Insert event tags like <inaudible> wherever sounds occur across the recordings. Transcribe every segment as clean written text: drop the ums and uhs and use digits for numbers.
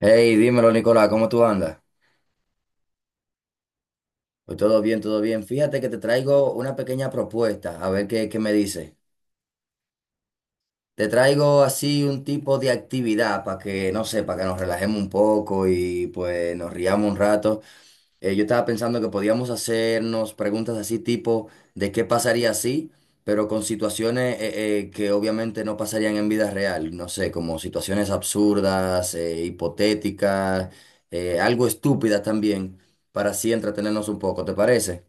Hey, dímelo, Nicolás, ¿cómo tú andas? Pues todo bien, todo bien. Fíjate que te traigo una pequeña propuesta, a ver qué me dice. Te traigo así un tipo de actividad para que, no sé, para que nos relajemos un poco y pues nos riamos un rato. Yo estaba pensando que podíamos hacernos preguntas así tipo de qué pasaría así, pero con situaciones que obviamente no pasarían en vida real, no sé, como situaciones absurdas, hipotéticas, algo estúpidas también, para así entretenernos un poco, ¿te parece?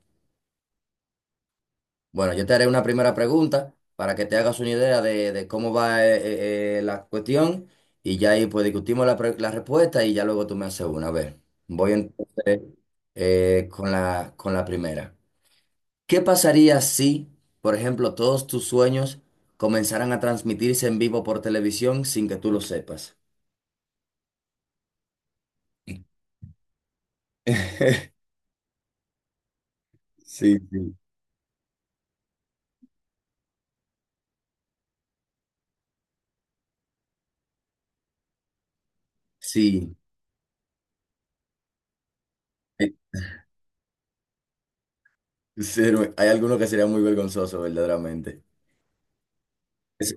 Bueno, yo te haré una primera pregunta para que te hagas una idea de cómo va la cuestión y ya ahí pues discutimos la respuesta y ya luego tú me haces una. A ver, voy entonces con con la primera. ¿Qué pasaría si, por ejemplo, todos tus sueños comenzaran a transmitirse en vivo por televisión sin que tú lo sepas? <laughs> Sí, sí. Sí, eh, sí, hay algunos que serían muy vergonzosos verdaderamente. Es-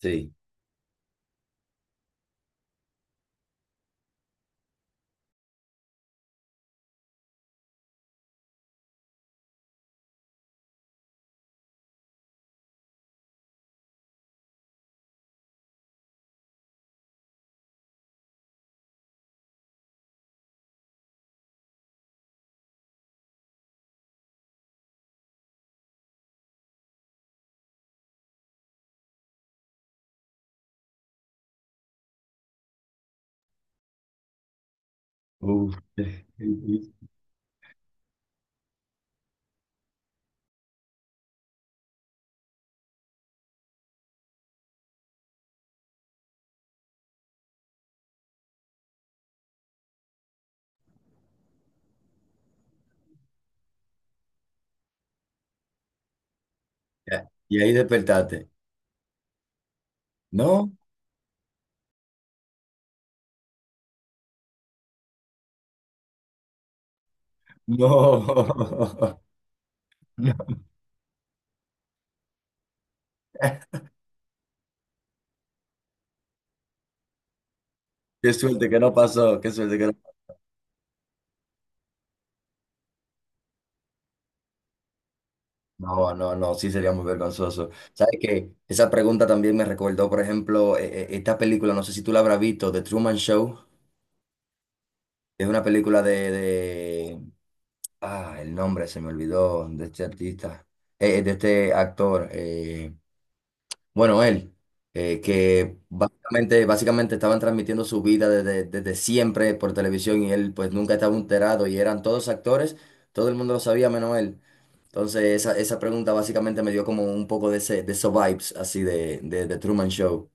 Sí. Uf. <laughs> Ya. ¿Y ahí despertaste? No, no. <laughs> No. Qué suerte que no pasó, qué suerte que no. No, no, no, sí sería muy vergonzoso. ¿Sabes qué? Esa pregunta también me recordó, por ejemplo, esta película, no sé si tú la habrás visto, The Truman Show. Es una película Ah, el nombre se me olvidó de este artista, de este actor. Bueno, él, que básicamente estaban transmitiendo su vida desde siempre por televisión y él pues nunca estaba enterado y eran todos actores, todo el mundo lo sabía menos él. Entonces esa pregunta básicamente me dio como un poco de esos vibes así de Truman Show,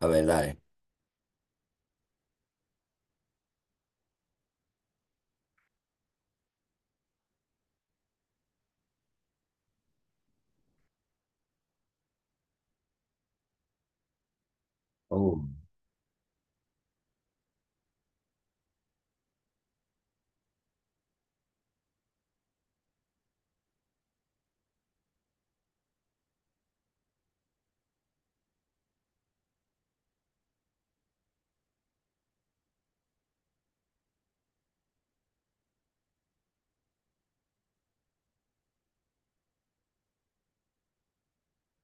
la verdad. Oh,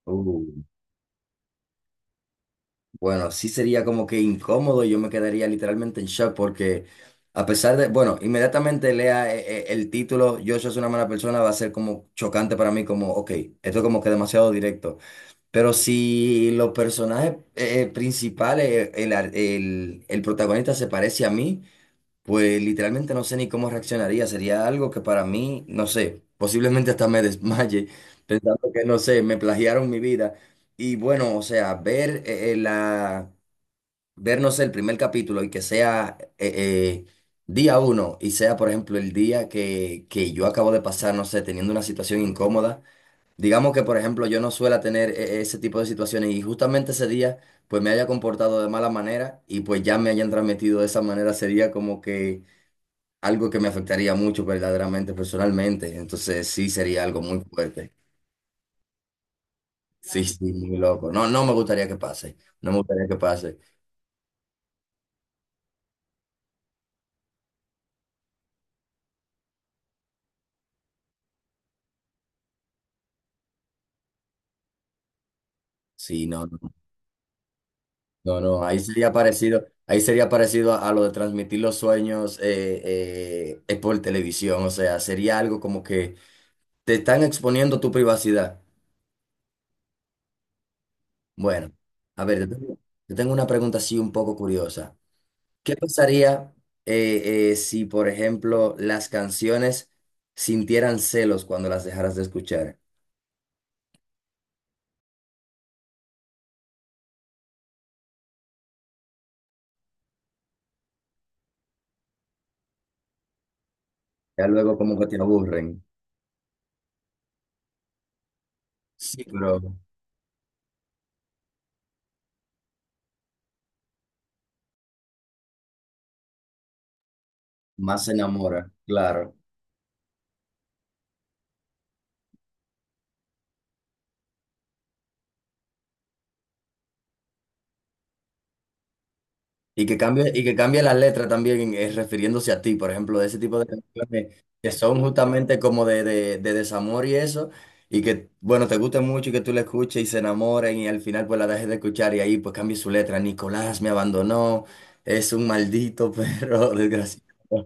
oh. Bueno, sí sería como que incómodo, yo me quedaría literalmente en shock porque a pesar de, bueno, inmediatamente lea el título, yo soy una mala persona, va a ser como chocante para mí, como, ok, esto es como que demasiado directo. Pero si los personajes principales, el protagonista se parece a mí, pues literalmente no sé ni cómo reaccionaría, sería algo que para mí, no sé, posiblemente hasta me desmaye pensando que, no sé, me plagiaron mi vida. Y bueno, o sea, vernos el primer capítulo y que sea día uno y sea, por ejemplo, el día que yo acabo de pasar, no sé, teniendo una situación incómoda. Digamos que, por ejemplo, yo no suela tener ese tipo de situaciones y justamente ese día, pues me haya comportado de mala manera y pues ya me hayan transmitido de esa manera, sería como que algo que me afectaría mucho verdaderamente, personalmente. Entonces sí sería algo muy fuerte. Sí, sí, muy loco. No, no me gustaría que pase. No me gustaría que pase. Sí, no. No. No, no, ahí sería parecido a lo de transmitir los sueños por televisión, o sea, sería algo como que te están exponiendo tu privacidad. Bueno, a ver, yo tengo una pregunta así un poco curiosa. ¿Qué pasaría si, por ejemplo, las canciones sintieran celos cuando las dejaras de escuchar? Ya luego como que te aburren. Sí, pero más se enamora, claro. Y y que cambie la letra también refiriéndose a ti, por ejemplo, de ese tipo de canciones que son justamente como de desamor y eso, y que, bueno, te guste mucho y que tú la escuches y se enamoren y al final pues la dejes de escuchar y ahí pues cambie su letra. Nicolás me abandonó, es un maldito perro <laughs> desgraciado.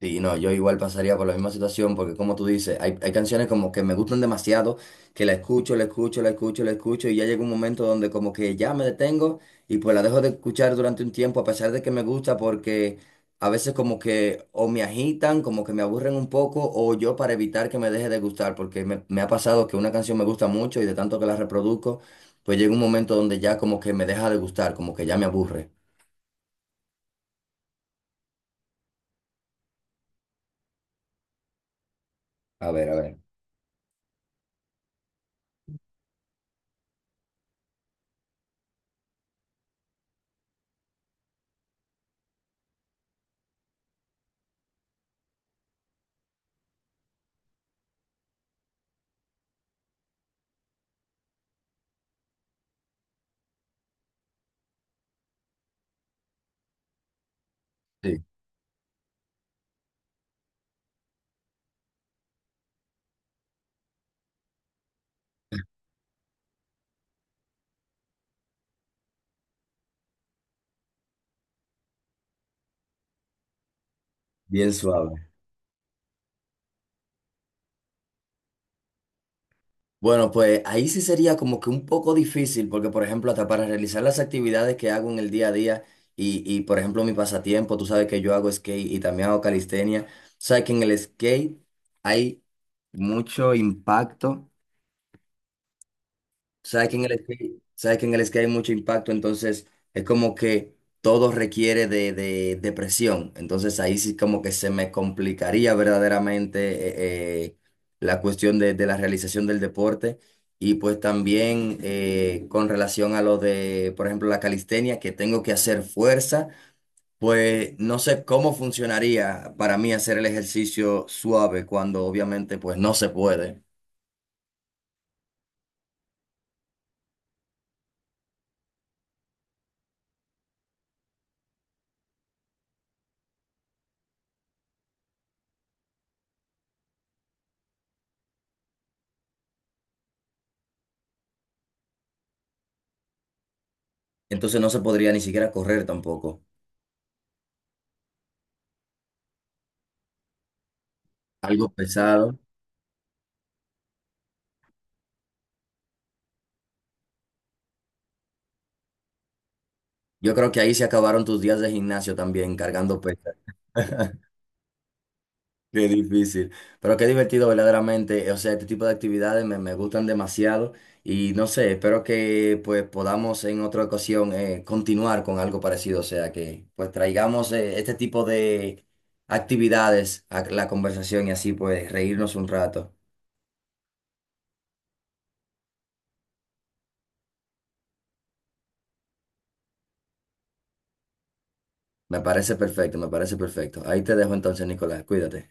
Sí, no, yo igual pasaría por la misma situación, porque como tú dices, hay canciones como que me gustan demasiado, que la escucho, la escucho, la escucho, la escucho, y ya llega un momento donde como que ya me detengo y pues la dejo de escuchar durante un tiempo, a pesar de que me gusta, porque a veces como que o me agitan, como que me aburren un poco, o yo para evitar que me deje de gustar, porque me ha pasado que una canción me gusta mucho y de tanto que la reproduzco, pues llega un momento donde ya como que me deja de gustar, como que ya me aburre. A ver, a ver. Sí, bien suave. Bueno, pues ahí sí sería como que un poco difícil, porque por ejemplo, hasta para realizar las actividades que hago en el día a día y por ejemplo mi pasatiempo, tú sabes que yo hago skate y también hago calistenia, sabes que en el skate hay mucho impacto. Sabes que en el skate hay mucho impacto, entonces es como que todo requiere de presión. Entonces ahí sí como que se me complicaría verdaderamente eh, eh, la cuestión de la realización del deporte. Y pues también con relación a lo de, por ejemplo, la calistenia, que tengo que hacer fuerza, pues no sé cómo funcionaría para mí hacer el ejercicio suave cuando obviamente pues no se puede. Entonces no se podría ni siquiera correr tampoco. Algo pesado. Yo creo que ahí se acabaron tus días de gimnasio también, cargando pesas. <laughs> Qué difícil, pero qué divertido verdaderamente. O sea, este tipo de actividades me gustan demasiado y no sé, espero que pues podamos en otra ocasión continuar con algo parecido. O sea, que pues traigamos este tipo de actividades a la conversación y así pues reírnos un rato. Me parece perfecto, me parece perfecto. Ahí te dejo entonces, Nicolás, cuídate.